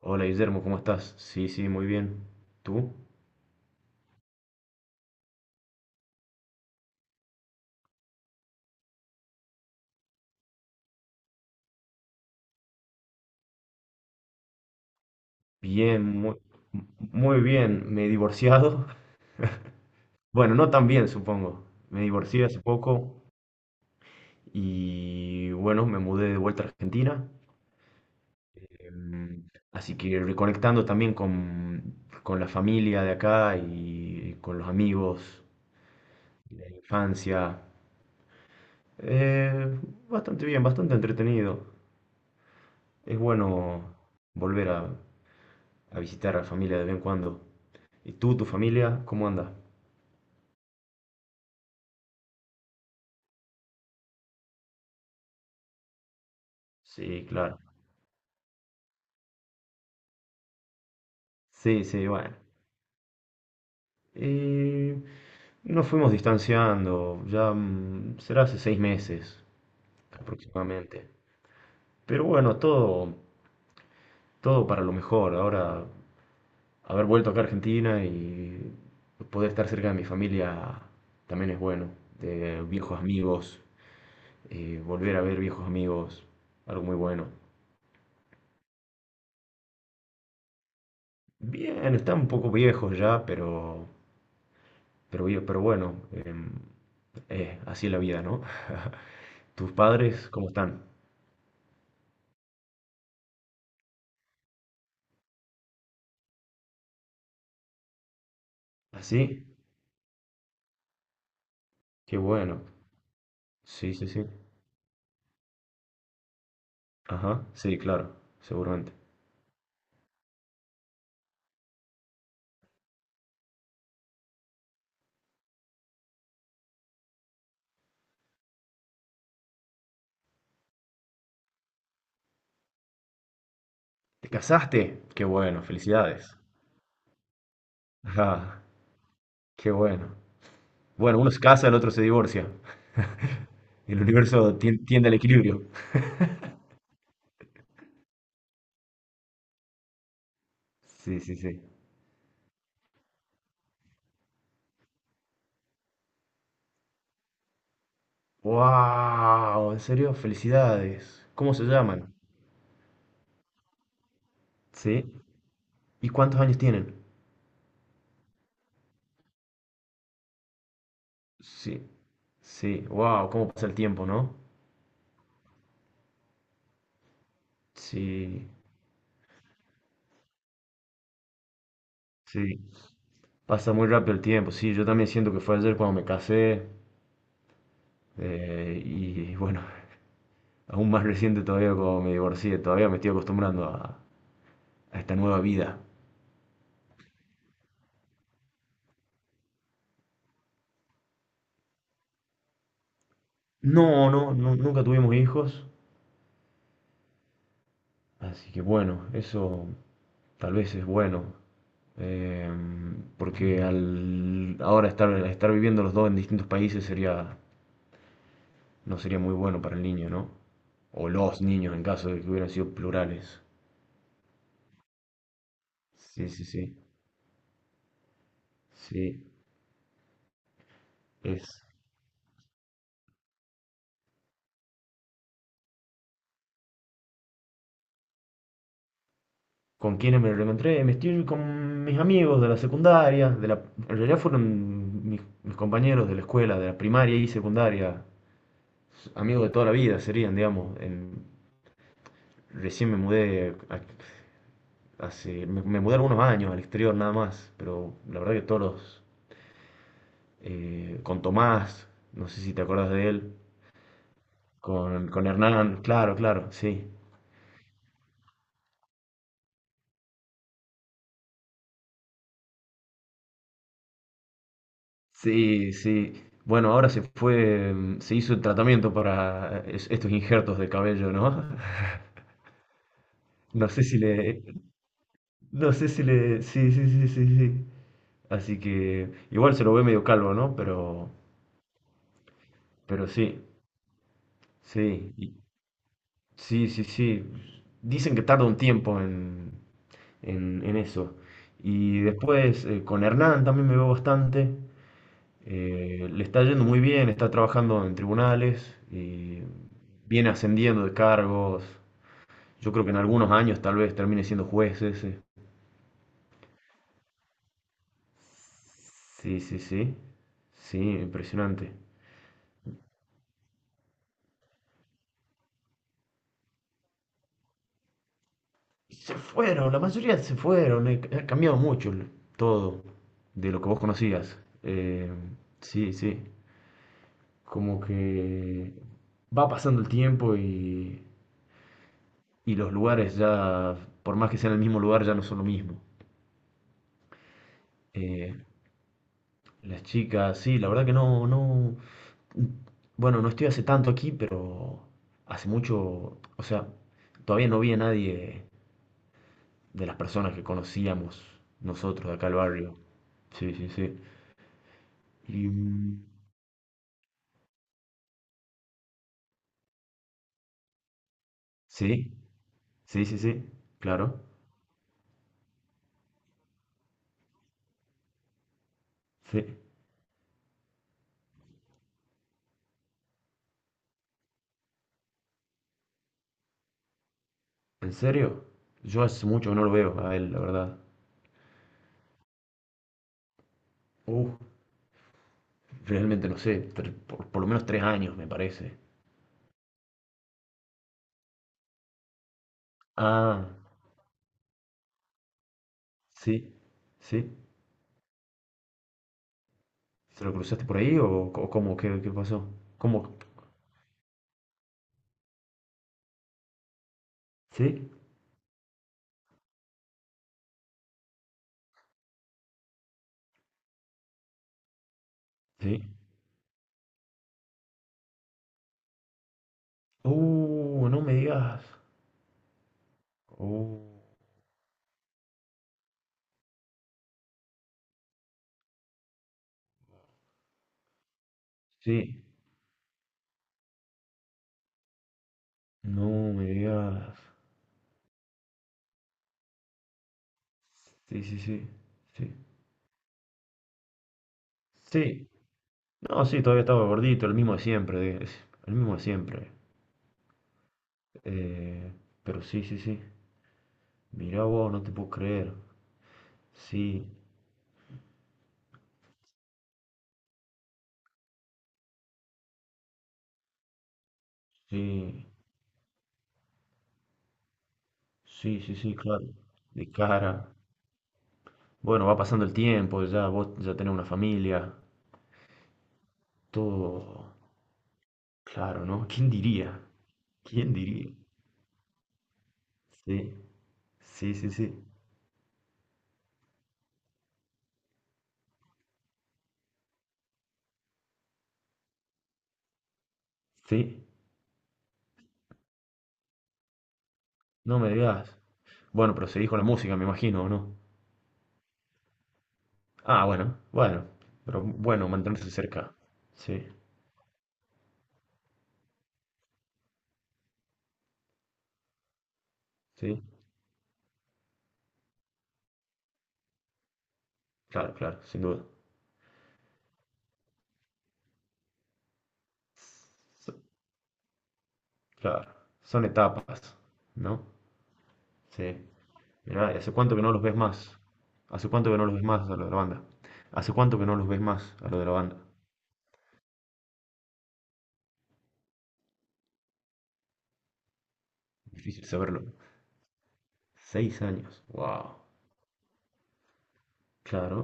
Hola Guillermo, ¿cómo estás? Sí, sí, muy bien. ¿Tú? Bien, muy, muy bien. Me he divorciado. Bueno, no tan bien, supongo. Me divorcié hace poco y bueno, me mudé de vuelta a Argentina. Así que reconectando también con la familia de acá y con los amigos de la infancia. Eh, Bastante bien, bastante entretenido. Es bueno volver a visitar a la familia de vez en cuando. ¿Y tú, tu familia, cómo anda? Sí, claro. Sí, sí, bueno. Eh, Nos fuimos distanciando, ya será hace 6 meses aproximadamente. Pero bueno, todo, todo para lo mejor. Ahora, haber vuelto acá a Argentina y poder estar cerca de mi familia también es bueno. De viejos amigos, volver a ver viejos amigos, algo muy bueno. Bien, están un poco viejos ya, pero, pero bueno. Así la vida, ¿no? ¿Tus padres cómo están? ¿Así? Qué bueno. Sí, sí, sí. Ajá, sí, claro, seguramente. ¿Te casaste? Qué bueno, felicidades. Ajá, qué bueno. Bueno, uno se casa, el otro se divorcia. El universo tiende al equilibrio. Sí, sí, sí. ¡Wow! ¿En serio? Felicidades. ¿Cómo se llaman? Sí. ¿Y cuántos años tienen? Sí. Sí. ¡Wow! ¿Cómo pasa el tiempo, no? Sí. Sí. Pasa muy rápido el tiempo, sí, yo también siento que fue ayer cuando me casé y bueno, aún más reciente todavía cuando me divorcié, todavía me estoy acostumbrando a esta nueva vida. No, no, no, nunca tuvimos hijos, así que bueno, eso tal vez es bueno, eh, porque al ahora estar, estar viviendo los dos en distintos países sería, no sería muy bueno para el niño, ¿no? O los niños en caso de que hubieran sido plurales. Sí, sí, sí, sí, es... ¿Con quiénes me lo encontré? Me estoy con mis amigos de la secundaria, de la, en realidad fueron mis, mis compañeros de la escuela, de la primaria y secundaria, amigos de toda la vida serían, digamos. Recién me mudé, hace, me mudé algunos años al exterior nada más, pero la verdad que todos los, con Tomás, no sé si te acordás de él, con Hernán, claro, claro, sí. Sí, sí. Bueno, ahora se fue, se hizo el tratamiamiento para estos injertos de cabello, ¿no? No sé si le. No sé si le. Sí, sí, sí, sí, sí. Así que. Igual se lo ve medio calvo, ¿no? Pero. Pero sí. Sí. Sí, sí, sí. Dicen que tarda un tiempo en eso. Y después con Hernán también me veo bastante. Le está yendo muy bien, está trabajando en tribunales y viene ascendiendo de cargos. Yo creo que en algunos años tal vez termine siendo juez ese. Sí, sí, sí. Sí, impresionante. Se fueron, la mayoría se fueron, ha cambiado mucho todo de lo que vos conocías. Sí, sí, como que va pasando el tiempo y los lugares ya, por más que sean el mismo lugar, ya no son lo mismo. Eh, las chicas, sí, la verdad que no, no, bueno, no estoy hace tanto aquí, pero hace mucho, o sea, todavía no vi a nadie de las personas que conocíamos nosotros de acá al barrio. Sí, sí, sí. Mm, sí, sí, sí, sí, claro. Sí. ¿En serio? Yo hace mucho que no lo veo a él, la verdad. Uh, realmente no sé, por lo menos 3 años me parece. Ah, sí, sí. ¿Se lo cruzaste por ahí o, cómo? ¿Qué, qué pasó? ¿Cómo? ¿Sí? Sí. No me digas. Uh, sí. No me digas. Sí, sí, sí. Sí. Sí. No, sí, todavía estaba gordito, el mismo de siempre. El mismo de siempre. Eh, pero sí, sí, sí. Mira, wow, no te puedo creer. Sí, sí, sí, sí, sí, claro. De cara. Bueno, va pasando el tiempo, ya vos ya tenés una familia. Todo. Claro, ¿no? ¿Quién diría? ¿Quién diría? Sí, sí, sí, sí. Sí, no me digas. Bueno, pero seguís con la música, me imagino, ¿o no? Ah, bueno, bueno. Pero bueno, mantenerse cerca. Sí, sí. Claro, claro, sin duda. Claro, son etapas, ¿no? Sí. Mirá, ¿y ¿hace cuánto que no los ves más? ¿Hace cuánto que no los ves más a lo de la banda? ¿Hace cuánto que no los ves más a lo de la banda? Difícil saberlo. 6 años. Wow. Claro.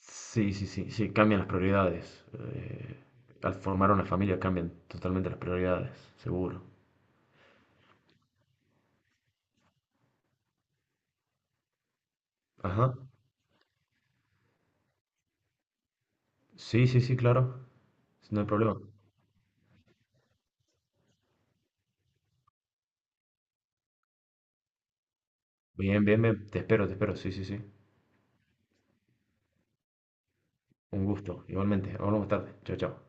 Sí, sí, sí, sí, cambian las prioridades. Eh, Al formar una familia cambian totalmente las prioridades, seguro. Ajá. Sí, sí, sí, claro. No hay problema. Bien, bien, bien. Te espero, te espero. Sí, sí, sí. Un gusto. Igualmente. Hablamos más tarde. Chao, chao.